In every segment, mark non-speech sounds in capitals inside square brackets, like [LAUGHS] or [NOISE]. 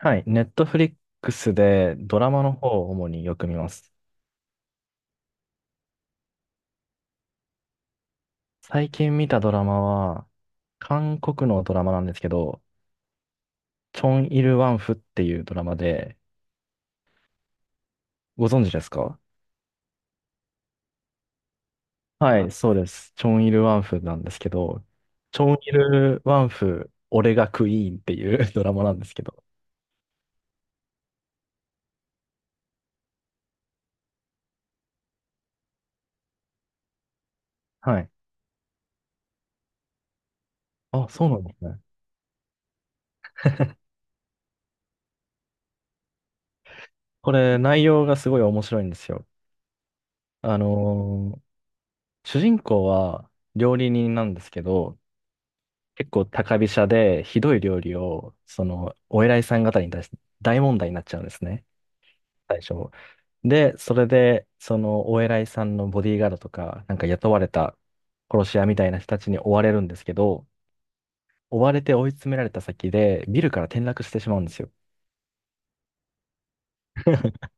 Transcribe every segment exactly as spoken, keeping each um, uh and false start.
はい。ネットフリックスでドラマの方を主によく見ます。最近見たドラマは、韓国のドラマなんですけど、チョン・イル・ワンフっていうドラマで、ご存知ですか？はい、そうです。チョン・イル・ワンフなんですけど、チョン・イル・ワンフ、俺がクイーンっていう [LAUGHS] ドラマなんですけど。はい。あ、そうなんですね。これ、内容がすごい面白いんですよ。あのー主人公は料理人なんですけど、結構高飛車で、ひどい料理を、その、お偉いさん方に対して大問題になっちゃうんですね。最初。で、それで、その、お偉いさんのボディーガードとか、なんか雇われた殺し屋みたいな人たちに追われるんですけど、追われて追い詰められた先で、ビルから転落してしまうんですよ。[LAUGHS]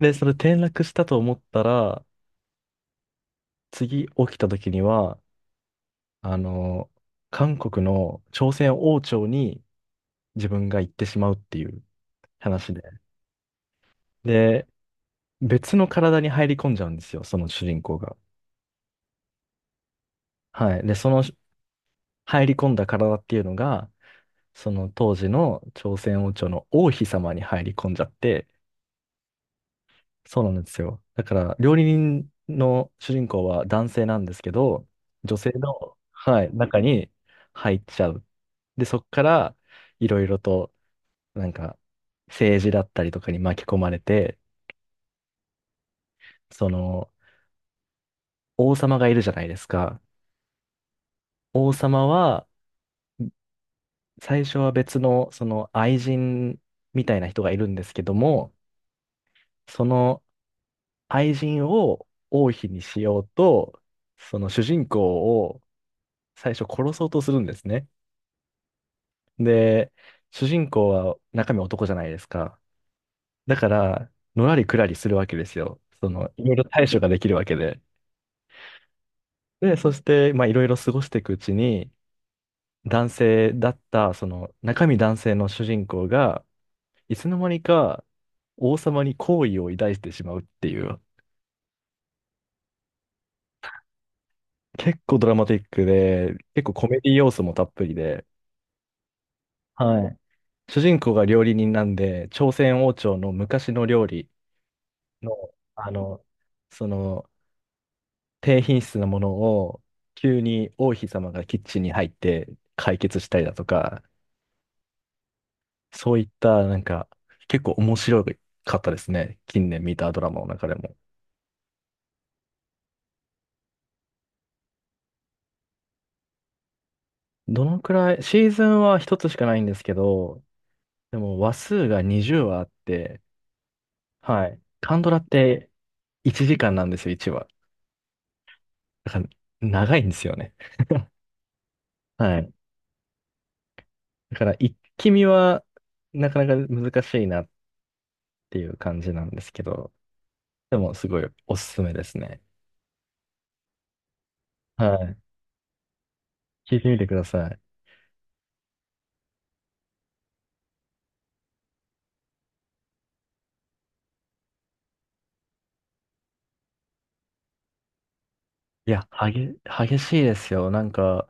で、それ転落したと思ったら、次起きた時には、あの、韓国の朝鮮王朝に自分が行ってしまうっていう話で。別の体に入り込んじゃうんですよ、その主人公が。はい。で、その入り込んだ体っていうのが、その当時の朝鮮王朝の王妃様に入り込んじゃって、そうなんですよ。だから、料理人の主人公は男性なんですけど、女性の、はい、中に入っちゃう。で、そこから、いろいろと、なんか、政治だったりとかに巻き込まれて、その、王様がいるじゃないですか。王様は、最初は別の、その愛人みたいな人がいるんですけども、その愛人を王妃にしようと、その主人公を最初殺そうとするんですね。で、主人公は中身男じゃないですか。だから、のらりくらりするわけですよ。その、いろいろ対処ができるわけで。で、そして、まあ、いろいろ過ごしていくうちに、男性だった、その中身男性の主人公が、いつの間にか王様に好意を抱いてしまうっていう、結構ドラマティックで、結構コメディ要素もたっぷりで、はい。主人公が料理人なんで、朝鮮王朝の昔の料理の、あの、その、低品質なものを、急に王妃様がキッチンに入って解決したりだとか、そういった、なんか、結構面白かったですね。近年見たドラマの中でも。どのくらい、シーズンは一つしかないんですけど、でも話数がにじゅうわあって、はい。カンドラっていちじかんなんですよ、いちわ。だから長いんですよね。はい。だから一気見はなかなか難しいなっていう感じなんですけど、でもすごいおすすめですね。はい。聞いてみてください。いや、激、激しいですよ。なんか、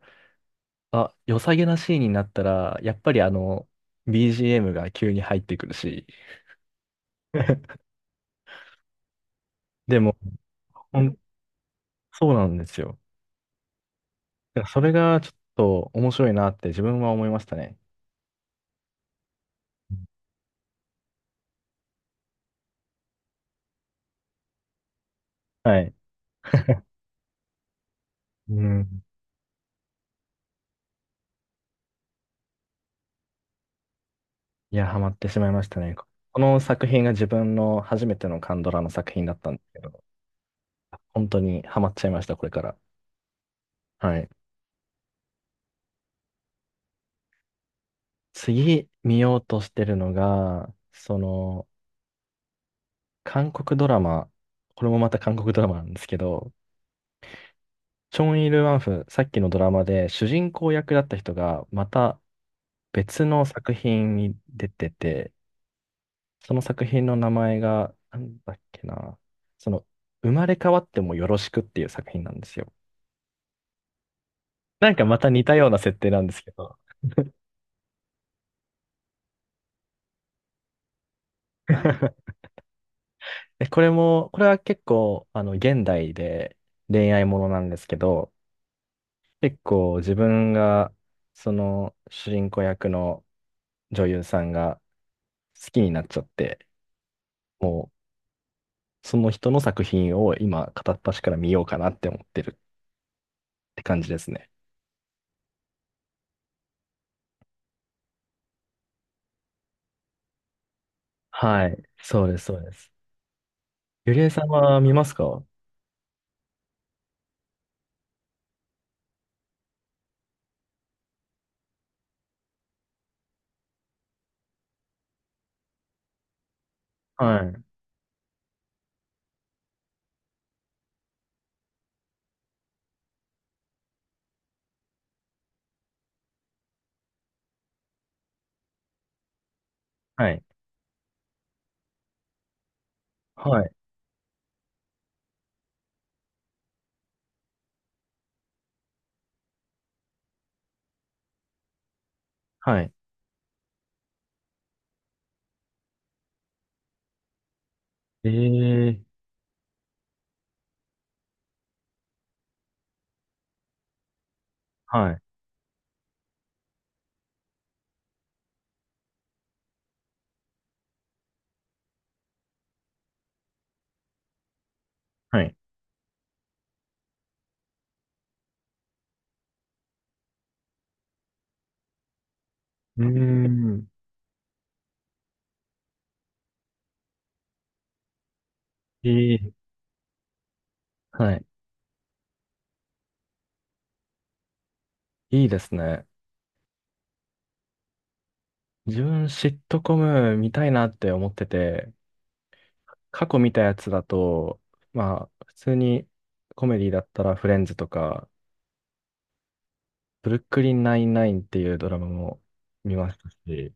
あ、良さげなシーンになったら、やっぱりあの、ビージーエム が急に入ってくるし、[LAUGHS] でも、ほん、そうなんですよ。だからそれがちょっと面白いなって自分は思いましたね。はい。うん。いや、ハマってしまいましたね。この作品が自分の初めてのカンドラの作品だったんですけど、本当にハマっちゃいました、これから。はい。次見ようとしてるのが、その、韓国ドラマ、これもまた韓国ドラマなんですけど、チョン・イル・ワンフ、さっきのドラマで主人公役だった人が、また別の作品に出てて、その作品の名前が、なんだっけな、その、生まれ変わってもよろしくっていう作品なんですよ。なんかまた似たような設定なんですけど、で、これも、これは結構、あの、現代で恋愛ものなんですけど、結構自分が、その、主人公役の女優さんが好きになっちゃって、もう、その人の作品を今、片っ端から見ようかなって思ってるって感じですね。はい、そうです、そうです。ゆりえさんは見ますか？はい。はい。はい。はい。ええ、はい。はい。うーん。いい。はい。いいですね。自分、シットコム見たいなって思ってて、過去見たやつだと、まあ、普通にコメディだったらフレンズとか、ブルックリンナインナインっていうドラマも見ましたし、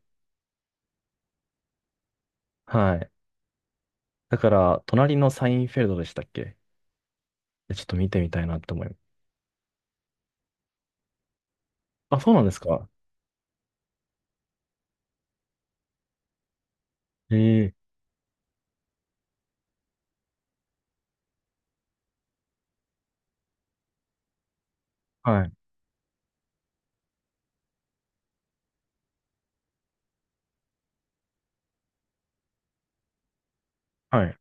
はい。だから、隣のサインフェルドでしたっけ？ちょっと見てみたいなと思います。あ、そうなんですか？ええ、はい。はい。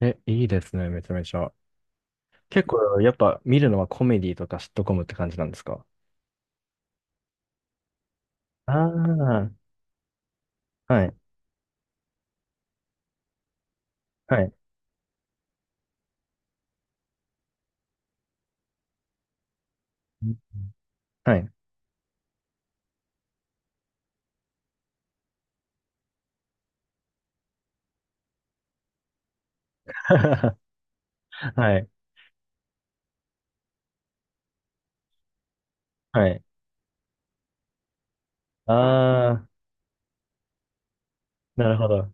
え、いいですね、めちゃめちゃ。結構、やっぱ見るのはコメディとかシットコムって感じなんですか？ああー、はい、はい、うん、はい、[LAUGHS] はい、[LAUGHS] はい。ああ、なるほど。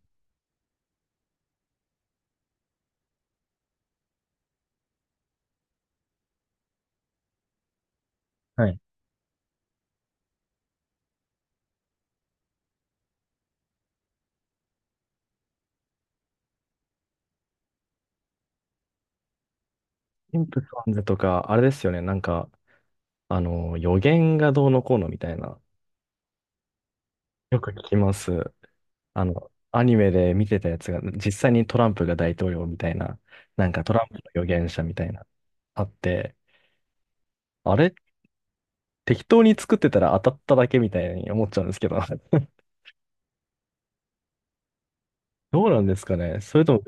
はい。シンプソンズとか、あれですよね、なんか、あの、予言がどうのこうのみたいな、よく聞きます。あの、アニメで見てたやつが、実際にトランプが大統領みたいな、なんかトランプの予言者みたいな、あって、あれ適当に作ってたら当たっただけみたいに思っちゃうんですけど。[LAUGHS] どうなんですかね。それとも、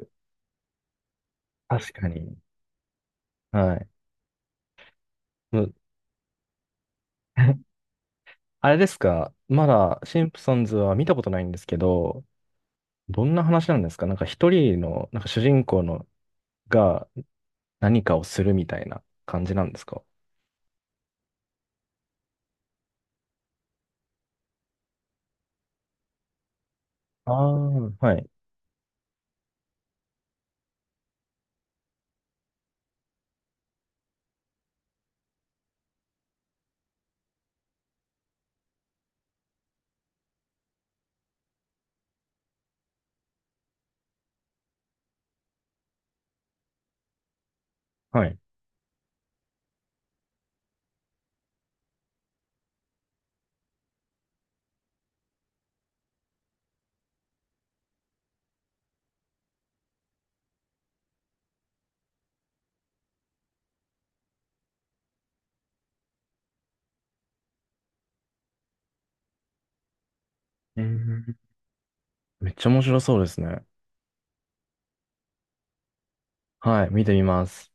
確かに。はい。う [LAUGHS] あれですか。まだ、シンプソンズは見たことないんですけど、どんな話なんですか？なんか一人の、なんか主人公のが何かをするみたいな感じなんですか？ああー、はい。はい。うん、めっちゃ面白そうですね。はい、見てみます。